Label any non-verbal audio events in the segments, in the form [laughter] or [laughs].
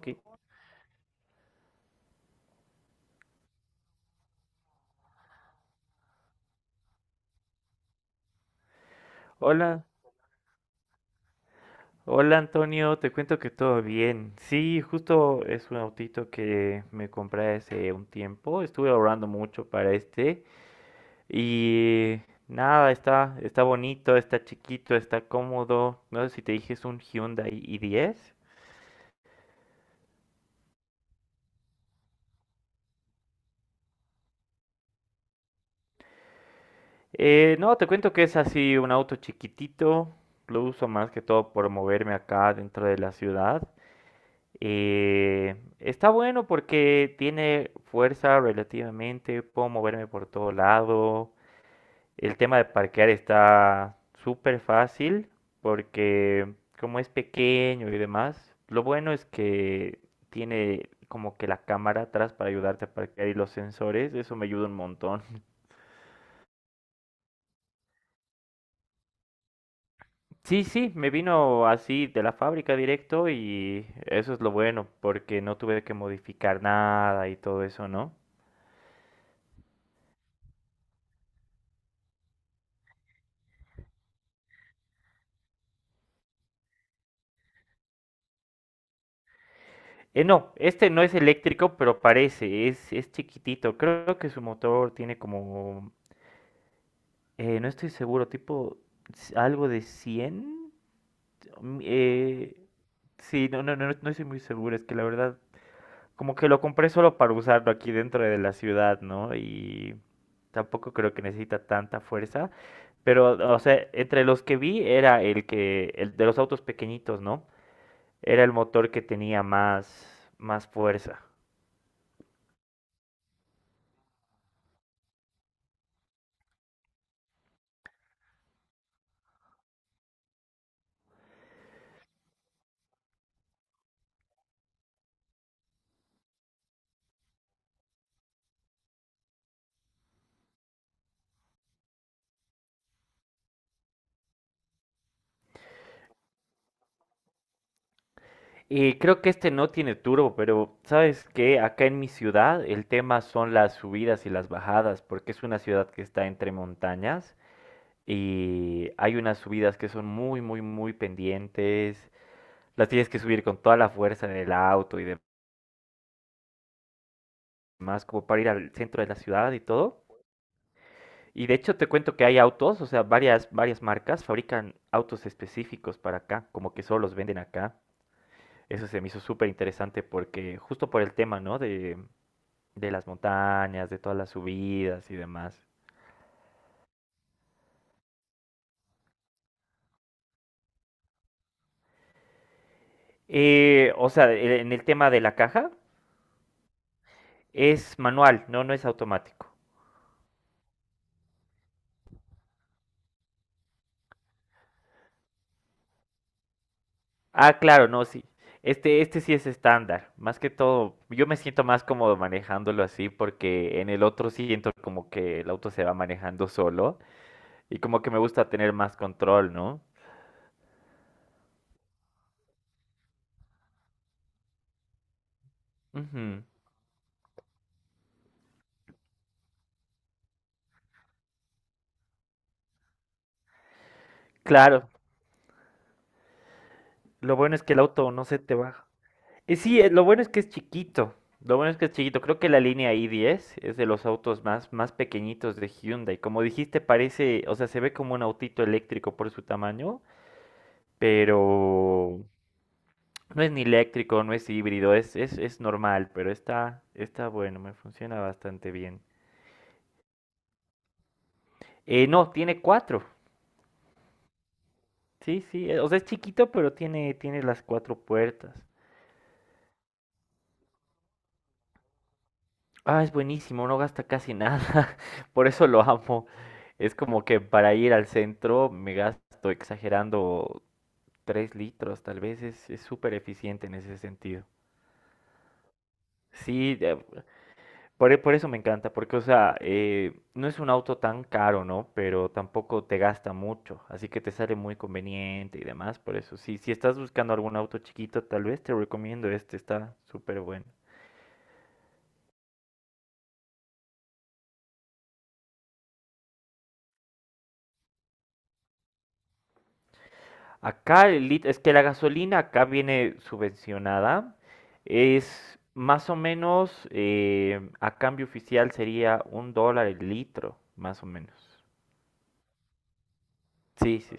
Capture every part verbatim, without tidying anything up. Ok. Hola, hola Antonio, te cuento que todo bien. Sí, justo es un autito que me compré hace un tiempo. Estuve ahorrando mucho para este y nada, está, está bonito, está chiquito, está cómodo. No sé si te dije es un Hyundai i diez. Eh, no, te cuento que es así un auto chiquitito. Lo uso más que todo por moverme acá dentro de la ciudad. Eh, está bueno porque tiene fuerza relativamente, puedo moverme por todo lado. El tema de parquear está súper fácil porque como es pequeño y demás, lo bueno es que tiene como que la cámara atrás para ayudarte a parquear y los sensores, eso me ayuda un montón. [laughs] Sí, sí, me vino así de la fábrica directo y eso es lo bueno porque no tuve que modificar nada y todo eso, ¿no? Eh, no, este no es eléctrico, pero parece, es, es chiquitito. Creo que su motor tiene como, eh, no estoy seguro, tipo s- algo de cien. Mm, eh, sí, no, no, no no no estoy muy seguro, es que la verdad, como que lo compré solo para usarlo aquí dentro de la ciudad, ¿no? Y tampoco creo que necesita tanta fuerza, pero, o sea, entre los que vi era el que, el de los autos pequeñitos, ¿no? Era el motor que tenía más, más fuerza. Eh, creo que este no tiene turbo, pero sabes que acá en mi ciudad el tema son las subidas y las bajadas, porque es una ciudad que está entre montañas y hay unas subidas que son muy, muy, muy pendientes. Las tienes que subir con toda la fuerza del auto y demás, como para ir al centro de la ciudad y todo. Y de hecho te cuento que hay autos, o sea, varias, varias marcas fabrican autos específicos para acá, como que solo los venden acá. Eso se me hizo súper interesante porque justo por el tema, ¿no? De, de las montañas, de todas las subidas y demás. Eh, o sea, e- en el tema de la caja, es manual, no, no es automático. Ah, claro, no, sí. Este, este sí es estándar. Más que todo, yo me siento más cómodo manejándolo así porque en el otro siento como que el auto se va manejando solo y como que me gusta tener más control, ¿no? Ujú. Claro, lo bueno es que el auto no se te baja. Y sí, eh, lo bueno es que es chiquito. Lo bueno es que es chiquito. Creo que la línea i diez es de los autos más, más pequeñitos de Hyundai. Como dijiste, parece, o sea, se ve como un autito eléctrico por su tamaño, pero no es ni eléctrico, no es híbrido, es, es, es normal, pero está, está bueno, me funciona bastante bien. Eh, no, tiene cuatro. Sí, sí, eh, o sea, es chiquito, pero tiene, tiene las cuatro puertas. Ah, es buenísimo, no gasta casi nada. [laughs] Por eso lo amo. Es como que para ir al centro me gasto exagerando tres litros, tal vez es es súper eficiente en ese sentido. Sí, de- por, e- por eso me encanta, porque, o sea, eh, no es un auto tan caro, ¿no? Pero tampoco te gasta mucho, así que te sale muy conveniente y demás, por eso. Sí, si estás buscando algún auto chiquito, tal vez te recomiendo este, está súper bueno. Acá el lit- es que la gasolina acá viene subvencionada. Es más o menos, eh, a cambio oficial sería un dólar el litro, más o menos. Sí, sí.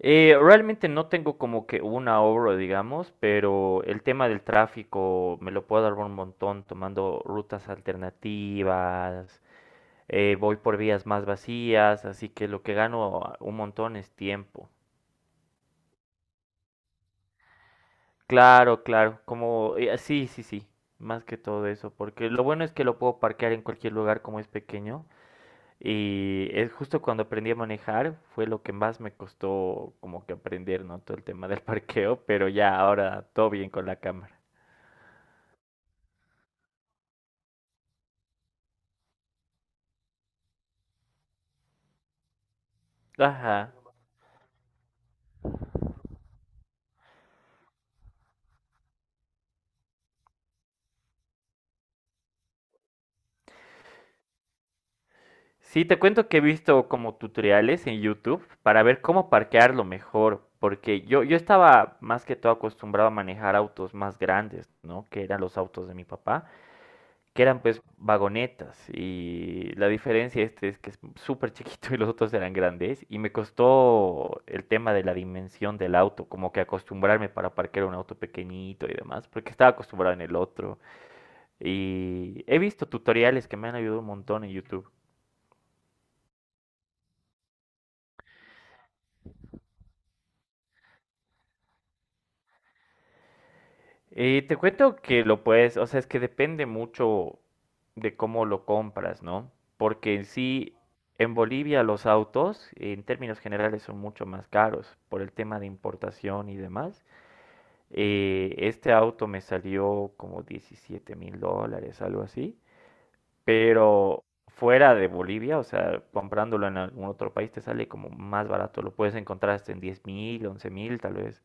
Eh, realmente no tengo como que un ahorro, digamos, pero el tema del tráfico me lo puedo dar un montón tomando rutas alternativas, eh, voy por vías más vacías, así que lo que gano un montón es tiempo. Claro, claro, como eh, sí, sí, sí, más que todo eso, porque lo bueno es que lo puedo parquear en cualquier lugar como es pequeño y es justo cuando aprendí a manejar fue lo que más me costó como que aprender, ¿no? Todo el tema del [laughs] parqueo, pero ya ahora todo bien con la cámara. Ajá. Sí, te cuento que he visto como tutoriales en YouTube para ver cómo parquearlo mejor, porque yo, yo estaba más que todo acostumbrado a manejar autos más grandes, ¿no? Que eran los autos de mi papá. Que eran pues vagonetas y la diferencia este es que es súper chiquito [laughs] y los otros eran grandes y me costó el tema de la dimensión del auto, como que acostumbrarme para parquear un auto pequeñito y demás, porque estaba acostumbrado en el otro y he visto tutoriales que me han ayudado un montón en YouTube. Y te cuento que lo puedes, o sea, es que depende mucho de cómo lo compras, ¿no? Porque en sí, en Bolivia los autos, en términos generales, son mucho más caros por el tema de importación y demás. Eh, este auto me salió como diecisiete mil dólares, algo así. Pero fuera de Bolivia, o sea, comprándolo en algún otro país te sale como más barato. Lo puedes encontrar hasta en diez mil, once mil, tal vez.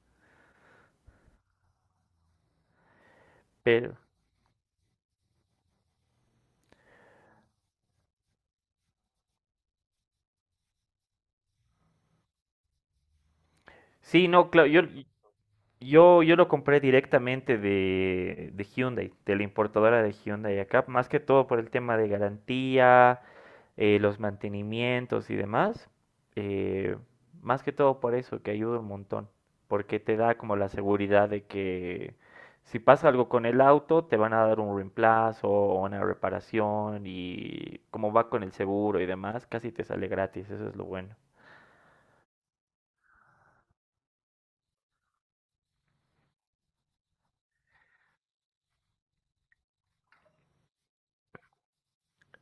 Pero... Sí, no, claro, yo, Yo, yo lo compré directamente de, de Hyundai, de la importadora de Hyundai acá, más que todo por el tema de garantía, eh, los mantenimientos y demás. eh, Más que todo por eso, que ayuda un montón, porque te da como la seguridad de que si pasa algo con el auto, te van a dar un reemplazo o una reparación y como va con el seguro y demás, casi te sale gratis, eso es lo bueno.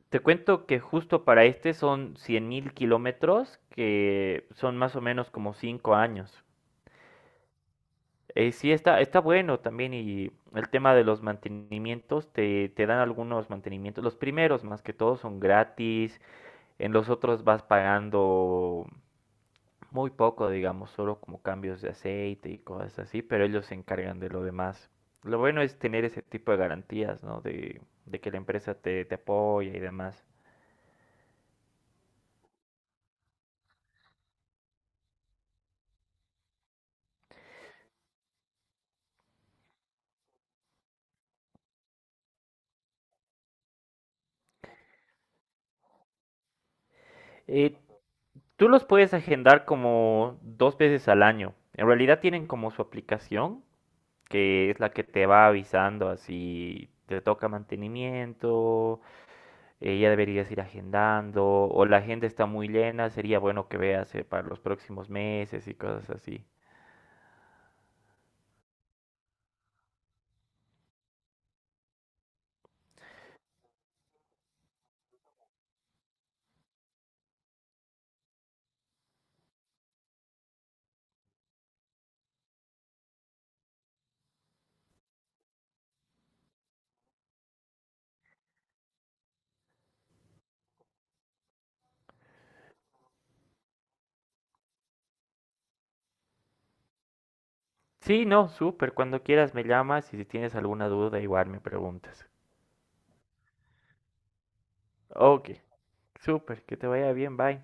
Te cuento que justo para este son cien mil kilómetros, que son más o menos como cinco años. Eh, sí, está, está bueno también y el tema de los mantenimientos, te, te dan algunos mantenimientos. Los primeros más que todo son gratis, en los otros vas pagando muy poco, digamos, solo como cambios de aceite y cosas así, pero ellos se encargan de lo demás. Lo bueno es tener ese tipo de garantías, ¿no? De, de que la empresa te, te apoya y demás. Eh, Tú los puedes agendar como dos veces al año. En realidad tienen como su aplicación, que es la que te va avisando así, te toca mantenimiento, eh, ya deberías ir agendando, o la agenda está muy llena, sería bueno que veas eh, para los próximos meses y cosas así. Sí, no, súper, cuando quieras me llamas y si tienes alguna duda igual me preguntas. Ok, súper, que te vaya bien, bye.